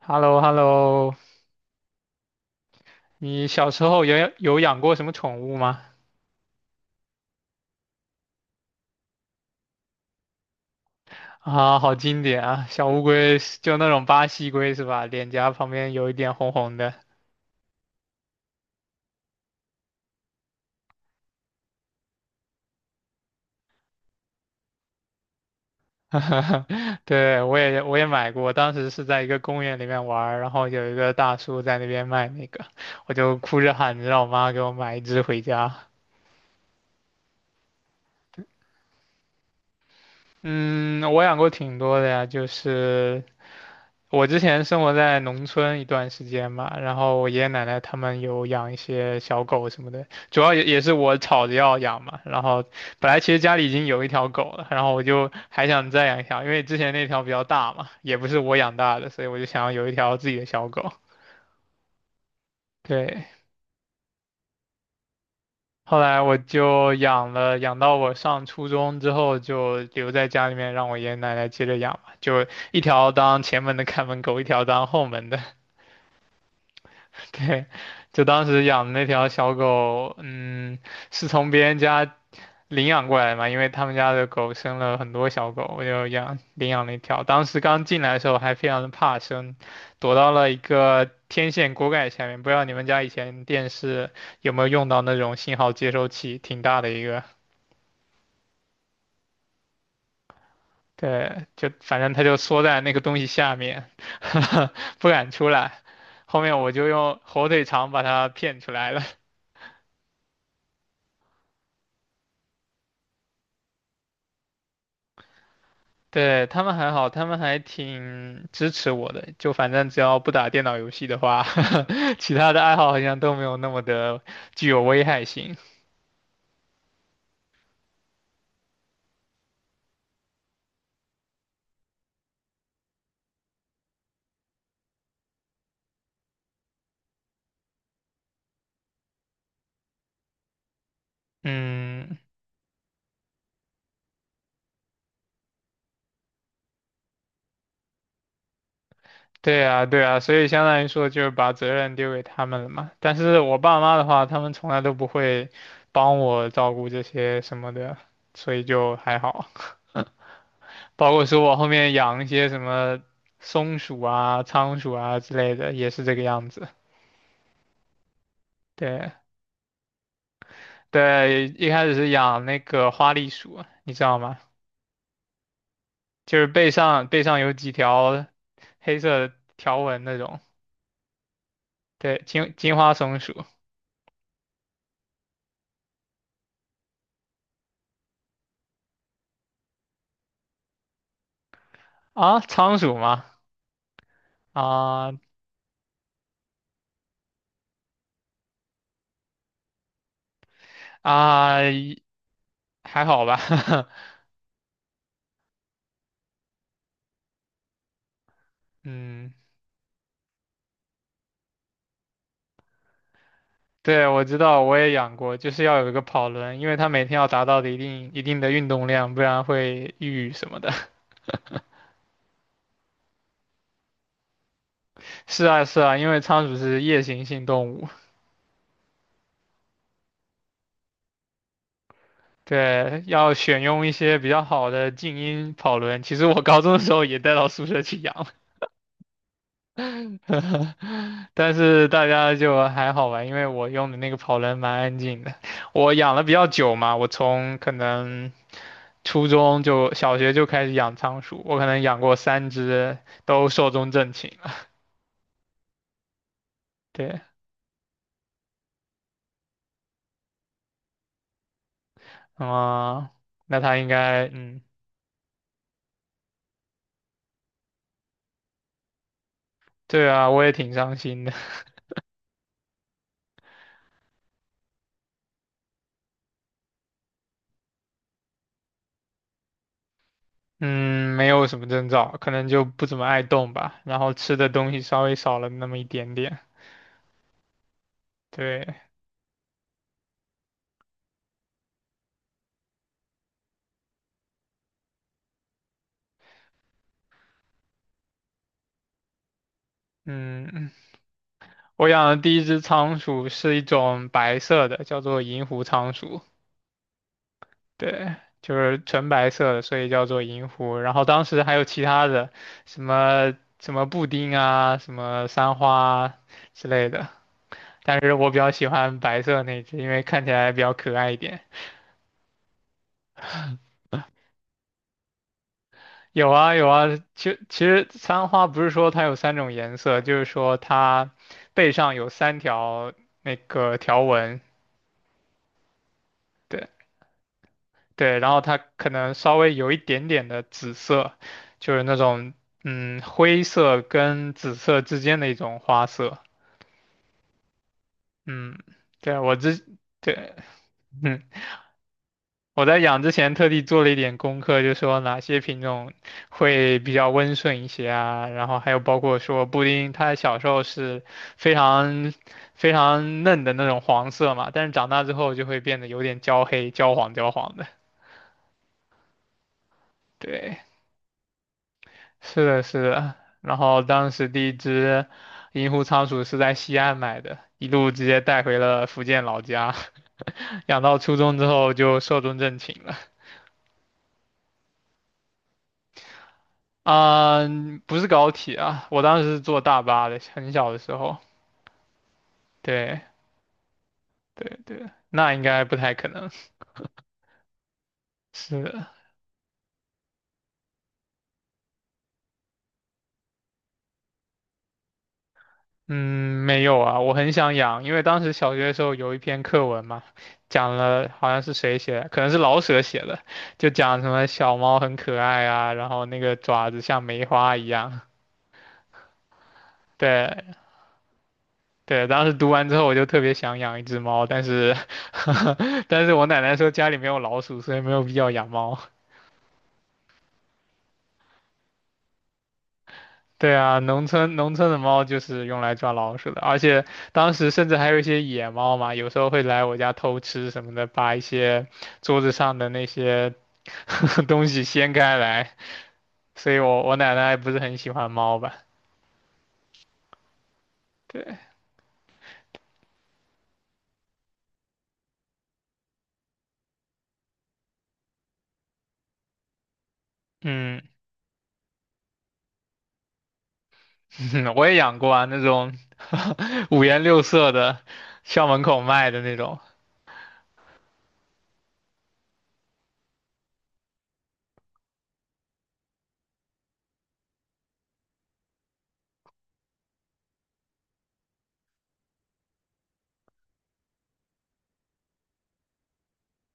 h e l l o h e l l o 你小时候有养过什么宠物吗？啊，好经典啊，小乌龟是就那种巴西龟是吧？脸颊旁边有一点红红的。对，我也买过，当时是在一个公园里面玩儿，然后有一个大叔在那边卖那个，我就哭着喊着让我妈给我买一只回家。嗯，我养过挺多的呀，就是我之前生活在农村一段时间嘛，然后我爷爷奶奶他们有养一些小狗什么的，主要也是我吵着要养嘛。然后本来其实家里已经有一条狗了，然后我就还想再养一条，因为之前那条比较大嘛，也不是我养大的，所以我就想要有一条自己的小狗。对，后来我就养了，养到我上初中之后就留在家里面，让我爷爷奶奶接着养嘛，就一条当前门的看门狗，一条当后门的。对，就当时养的那条小狗，嗯，是从别人家领养过来嘛，因为他们家的狗生了很多小狗，我就养领养了一条。当时刚进来的时候还非常的怕生，躲到了一个天线锅盖下面。不知道你们家以前电视有没有用到那种信号接收器，挺大的一个。对，就反正它就缩在那个东西下面，不敢出来。后面我就用火腿肠把它骗出来了。对，他们还好，他们还挺支持我的。就反正只要不打电脑游戏的话，其他的爱好好像都没有那么的具有危害性。嗯，对啊，对啊，所以相当于说就是把责任丢给他们了嘛。但是我爸妈的话，他们从来都不会帮我照顾这些什么的，所以就还好。包括说我后面养一些什么松鼠啊、仓鼠啊之类的，也是这个样子。对。对，一开始是养那个花栗鼠，你知道吗？就是背上有几条黑色条纹那种。对，金花松鼠啊，仓鼠吗？啊啊，还好吧。嗯，对，我知道，我也养过，就是要有一个跑轮，因为它每天要达到的一定的运动量，不然会抑郁什么的。是啊，是啊，因为仓鼠是夜行性动物。对，要选用一些比较好的静音跑轮。其实我高中的时候也带到宿舍去养，但是大家就还好吧，因为我用的那个跑轮蛮安静的。我养了比较久嘛，我从可能初中就小学就开始养仓鼠，我可能养过三只，都寿终正寝了。对，啊，那它应该，嗯，对啊，我也挺伤心的。嗯，没有什么征兆，可能就不怎么爱动吧，然后吃的东西稍微少了那么一点点。对，嗯，我养的第一只仓鼠是一种白色的，叫做银狐仓鼠，对，就是纯白色的，所以叫做银狐。然后当时还有其他的，什么什么布丁啊，什么三花啊之类的，但是我比较喜欢白色那只，因为看起来比较可爱一点。有啊有啊，其实三花不是说它有三种颜色，就是说它背上有三条那个条纹，对对，然后它可能稍微有一点点的紫色，就是那种嗯灰色跟紫色之间的一种花色，嗯，对我之对，嗯。我在养之前特地做了一点功课，就说哪些品种会比较温顺一些啊，然后还有包括说布丁，它小时候是非常非常嫩的那种黄色嘛，但是长大之后就会变得有点焦黑、焦黄、焦黄的。对，是的，是的。然后当时第一只银狐仓鼠是在西安买的，一路直接带回了福建老家，养到初中之后就寿终正寝了。啊、不是高铁啊，我当时是坐大巴的，很小的时候。对对对，那应该不太可能。是的嗯，没有啊，我很想养，因为当时小学的时候有一篇课文嘛，讲了好像是谁写的，可能是老舍写的，就讲什么小猫很可爱啊，然后那个爪子像梅花一样。对对，当时读完之后我就特别想养一只猫，但是 但是我奶奶说家里没有老鼠，所以没有必要养猫。对啊，农村的猫就是用来抓老鼠的，而且当时甚至还有一些野猫嘛，有时候会来我家偷吃什么的，把一些桌子上的那些 东西掀开来，所以我奶奶不是很喜欢猫吧？对，嗯，我也养过啊，那种 五颜六色的，校门口卖的那种。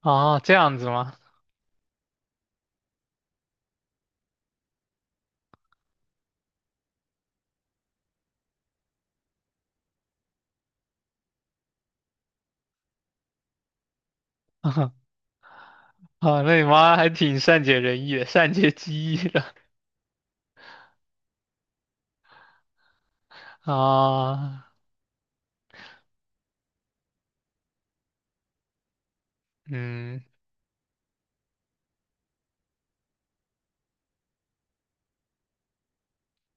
哦，这样子吗？啊，那你妈还挺善解人意的，善解机意的啊，嗯，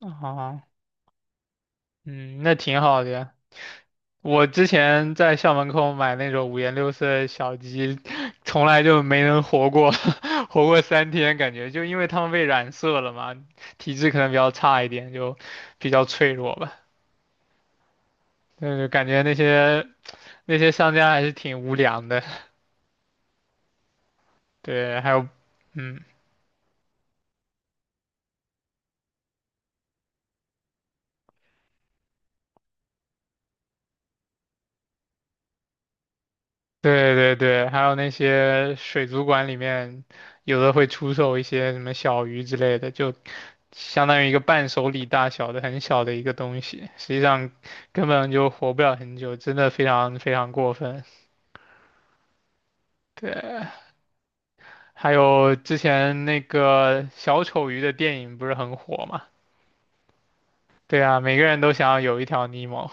啊。嗯，那挺好的呀。我之前在校门口买那种五颜六色的小鸡，从来就没能活过，活过3天，感觉就因为它们被染色了嘛，体质可能比较差一点，就比较脆弱吧。但是感觉那些商家还是挺无良的。对，还有，嗯，对对对，还有那些水族馆里面，有的会出售一些什么小鱼之类的，就相当于一个伴手礼大小的很小的一个东西，实际上根本就活不了很久，真的非常非常过分。对，还有之前那个小丑鱼的电影不是很火嘛？对啊，每个人都想要有一条尼莫。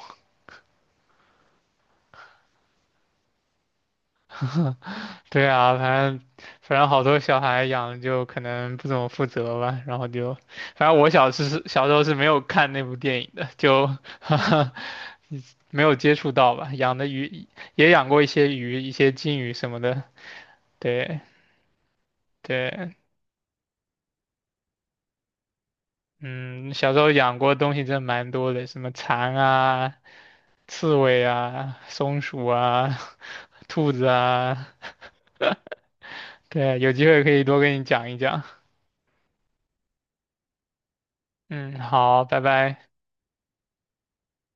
对啊，反正好多小孩养就可能不怎么负责吧，然后就，反正我小时候是没有看那部电影的，就 没有接触到吧。养的鱼也养过一些鱼，一些金鱼什么的，对对，嗯，小时候养过东西真的蛮多的，什么蚕啊、刺猬啊、松鼠啊、兔子啊，对，有机会可以多跟你讲一讲。嗯，好，拜拜。